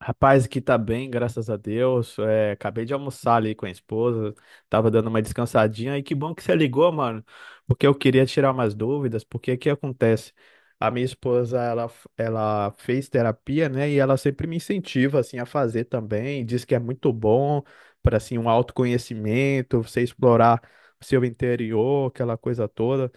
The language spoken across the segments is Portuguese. Rapaz, aqui tá bem, graças a Deus. É, acabei de almoçar ali com a esposa, tava dando uma descansadinha e que bom que você ligou, mano, porque eu queria tirar umas dúvidas, porque o que acontece? A minha esposa, ela fez terapia, né, e ela sempre me incentiva, assim, a fazer também, diz que é muito bom para, assim, um autoconhecimento, você explorar o seu interior, aquela coisa toda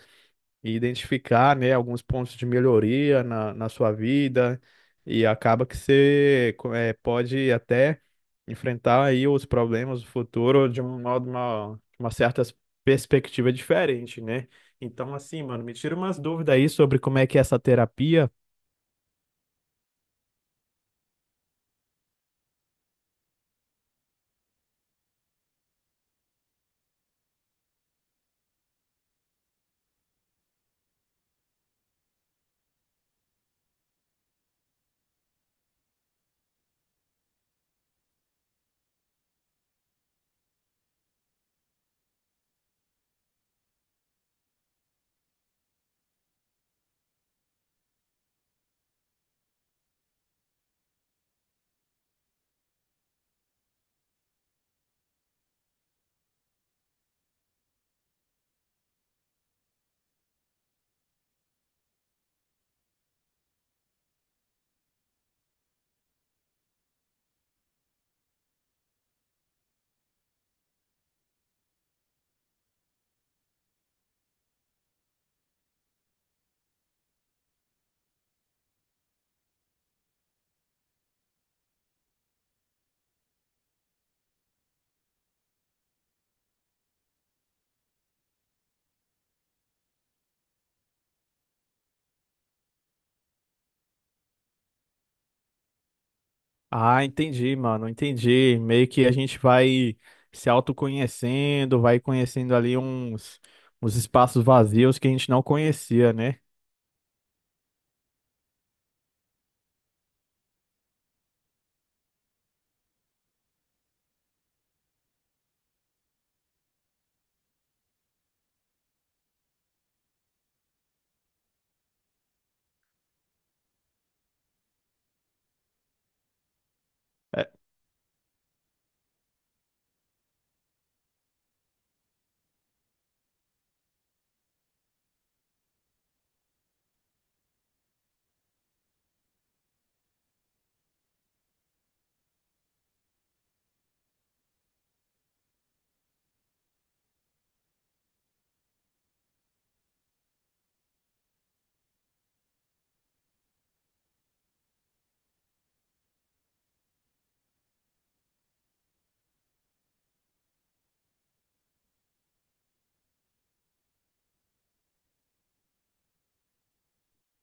e identificar, né, alguns pontos de melhoria na sua vida e acaba que você pode até enfrentar aí os problemas do futuro de um modo, uma certa perspectiva diferente, né? Então, assim, mano, me tira umas dúvidas aí sobre como é que é essa terapia. Ah, entendi, mano, entendi. Meio que a gente vai se autoconhecendo, vai conhecendo ali uns espaços vazios que a gente não conhecia, né? É.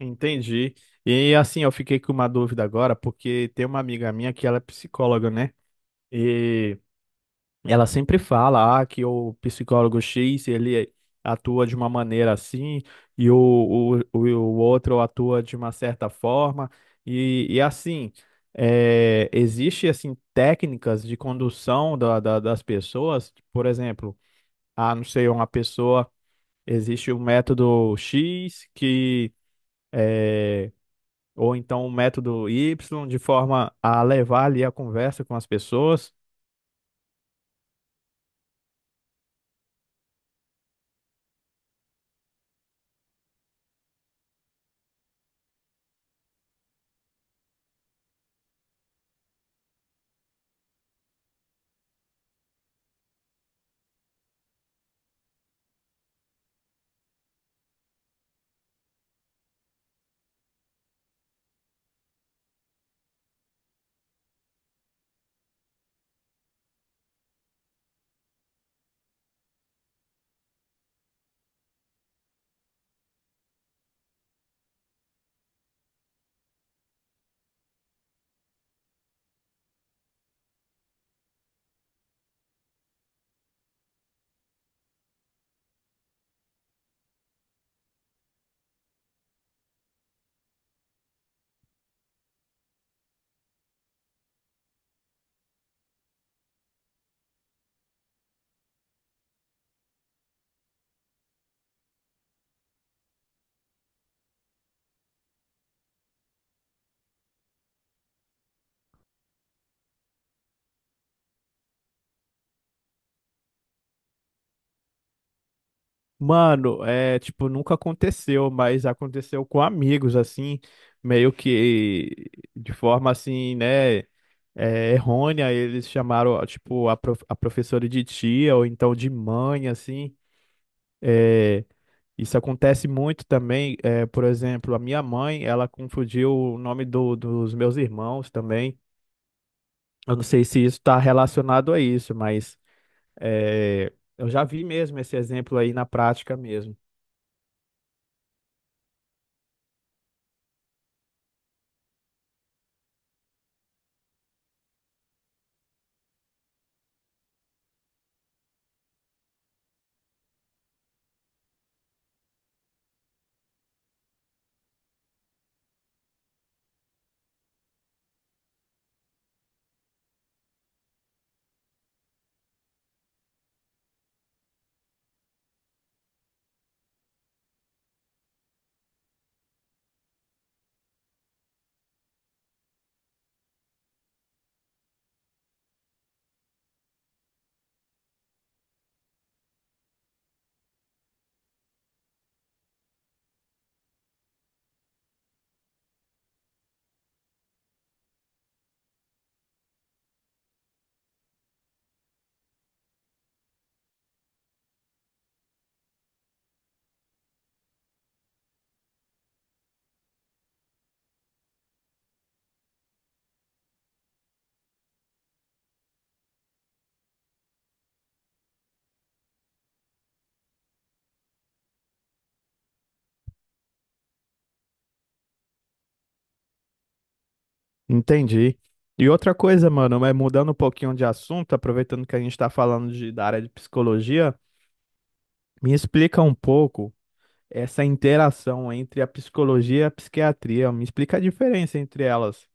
Entendi. E assim, eu fiquei com uma dúvida agora, porque tem uma amiga minha que ela é psicóloga, né? E ela sempre fala, ah, que o psicólogo X, ele atua de uma maneira assim, e o outro atua de uma certa forma. E assim, é, existe assim técnicas de condução das pessoas, por exemplo, ah, não sei, uma pessoa, existe um método X que eh, ou então um método Y, de forma a levar ali a conversa com as pessoas. Mano, é tipo, nunca aconteceu, mas aconteceu com amigos, assim, meio que de forma assim, né? É, errônea, eles chamaram, tipo, a professora de tia ou então de mãe, assim. É, isso acontece muito também. É, por exemplo, a minha mãe, ela confundiu o nome dos meus irmãos também. Eu não sei se isso está relacionado a isso, mas é, eu já vi mesmo esse exemplo aí na prática mesmo. Entendi. E outra coisa, mano, é mudando um pouquinho de assunto, aproveitando que a gente está falando da área de psicologia, me explica um pouco essa interação entre a psicologia e a psiquiatria. Me explica a diferença entre elas.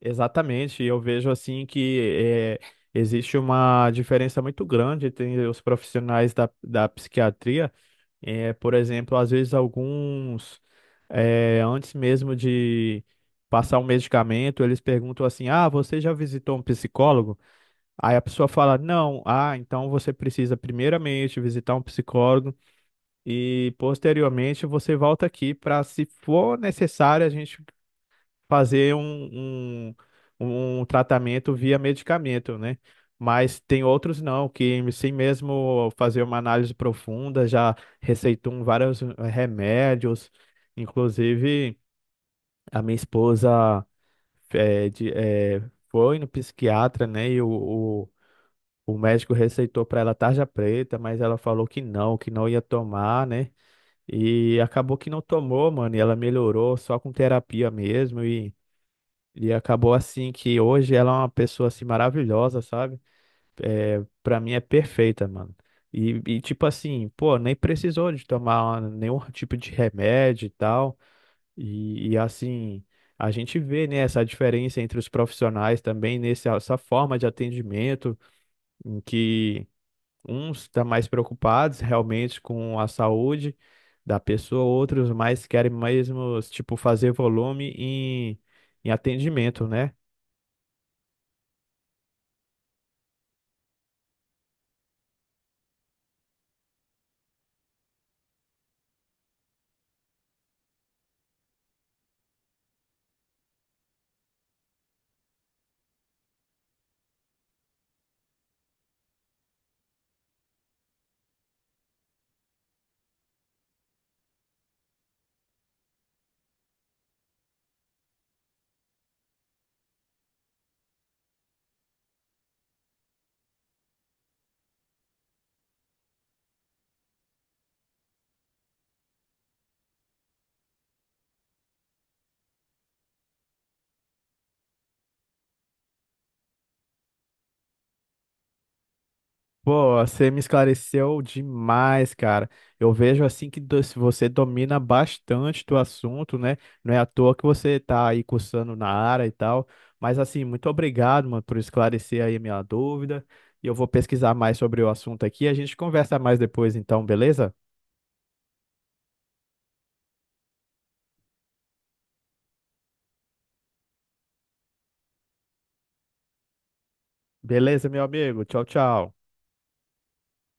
Exatamente. Eu vejo assim que é, existe uma diferença muito grande entre os profissionais da psiquiatria. É, por exemplo, às vezes alguns, antes mesmo de passar o medicamento, eles perguntam assim: "Ah, você já visitou um psicólogo?" Aí a pessoa fala: "Não." "Ah, então você precisa primeiramente visitar um psicólogo e posteriormente você volta aqui para, se for necessário, a gente fazer um tratamento via medicamento, né?" Mas tem outros não, que sem mesmo fazer uma análise profunda, já receitam vários remédios. Inclusive, a minha esposa eh, de- eh, foi no psiquiatra, né? E o médico receitou para ela tarja preta, mas ela falou que não ia tomar, né? E acabou que não tomou, mano, e ela melhorou só com terapia mesmo, e acabou assim que hoje ela é uma pessoa assim maravilhosa, sabe? É, para mim é perfeita, mano. E tipo assim, pô, nem precisou de tomar nenhum tipo de remédio e tal. E assim, a gente vê, né, essa diferença entre os profissionais também nessa essa forma de atendimento, em que uns estão mais preocupados realmente com a saúde da pessoa, outros mais querem mesmo, tipo, fazer volume em atendimento, né? Pô, você me esclareceu demais, cara. Eu vejo assim que do- se você domina bastante do assunto, né? Não é à toa que você tá aí cursando na área e tal. Mas assim, muito obrigado, mano, por esclarecer aí a minha dúvida. E eu vou pesquisar mais sobre o assunto aqui. A gente conversa mais depois, então, beleza? Beleza, meu amigo. Tchau, tchau.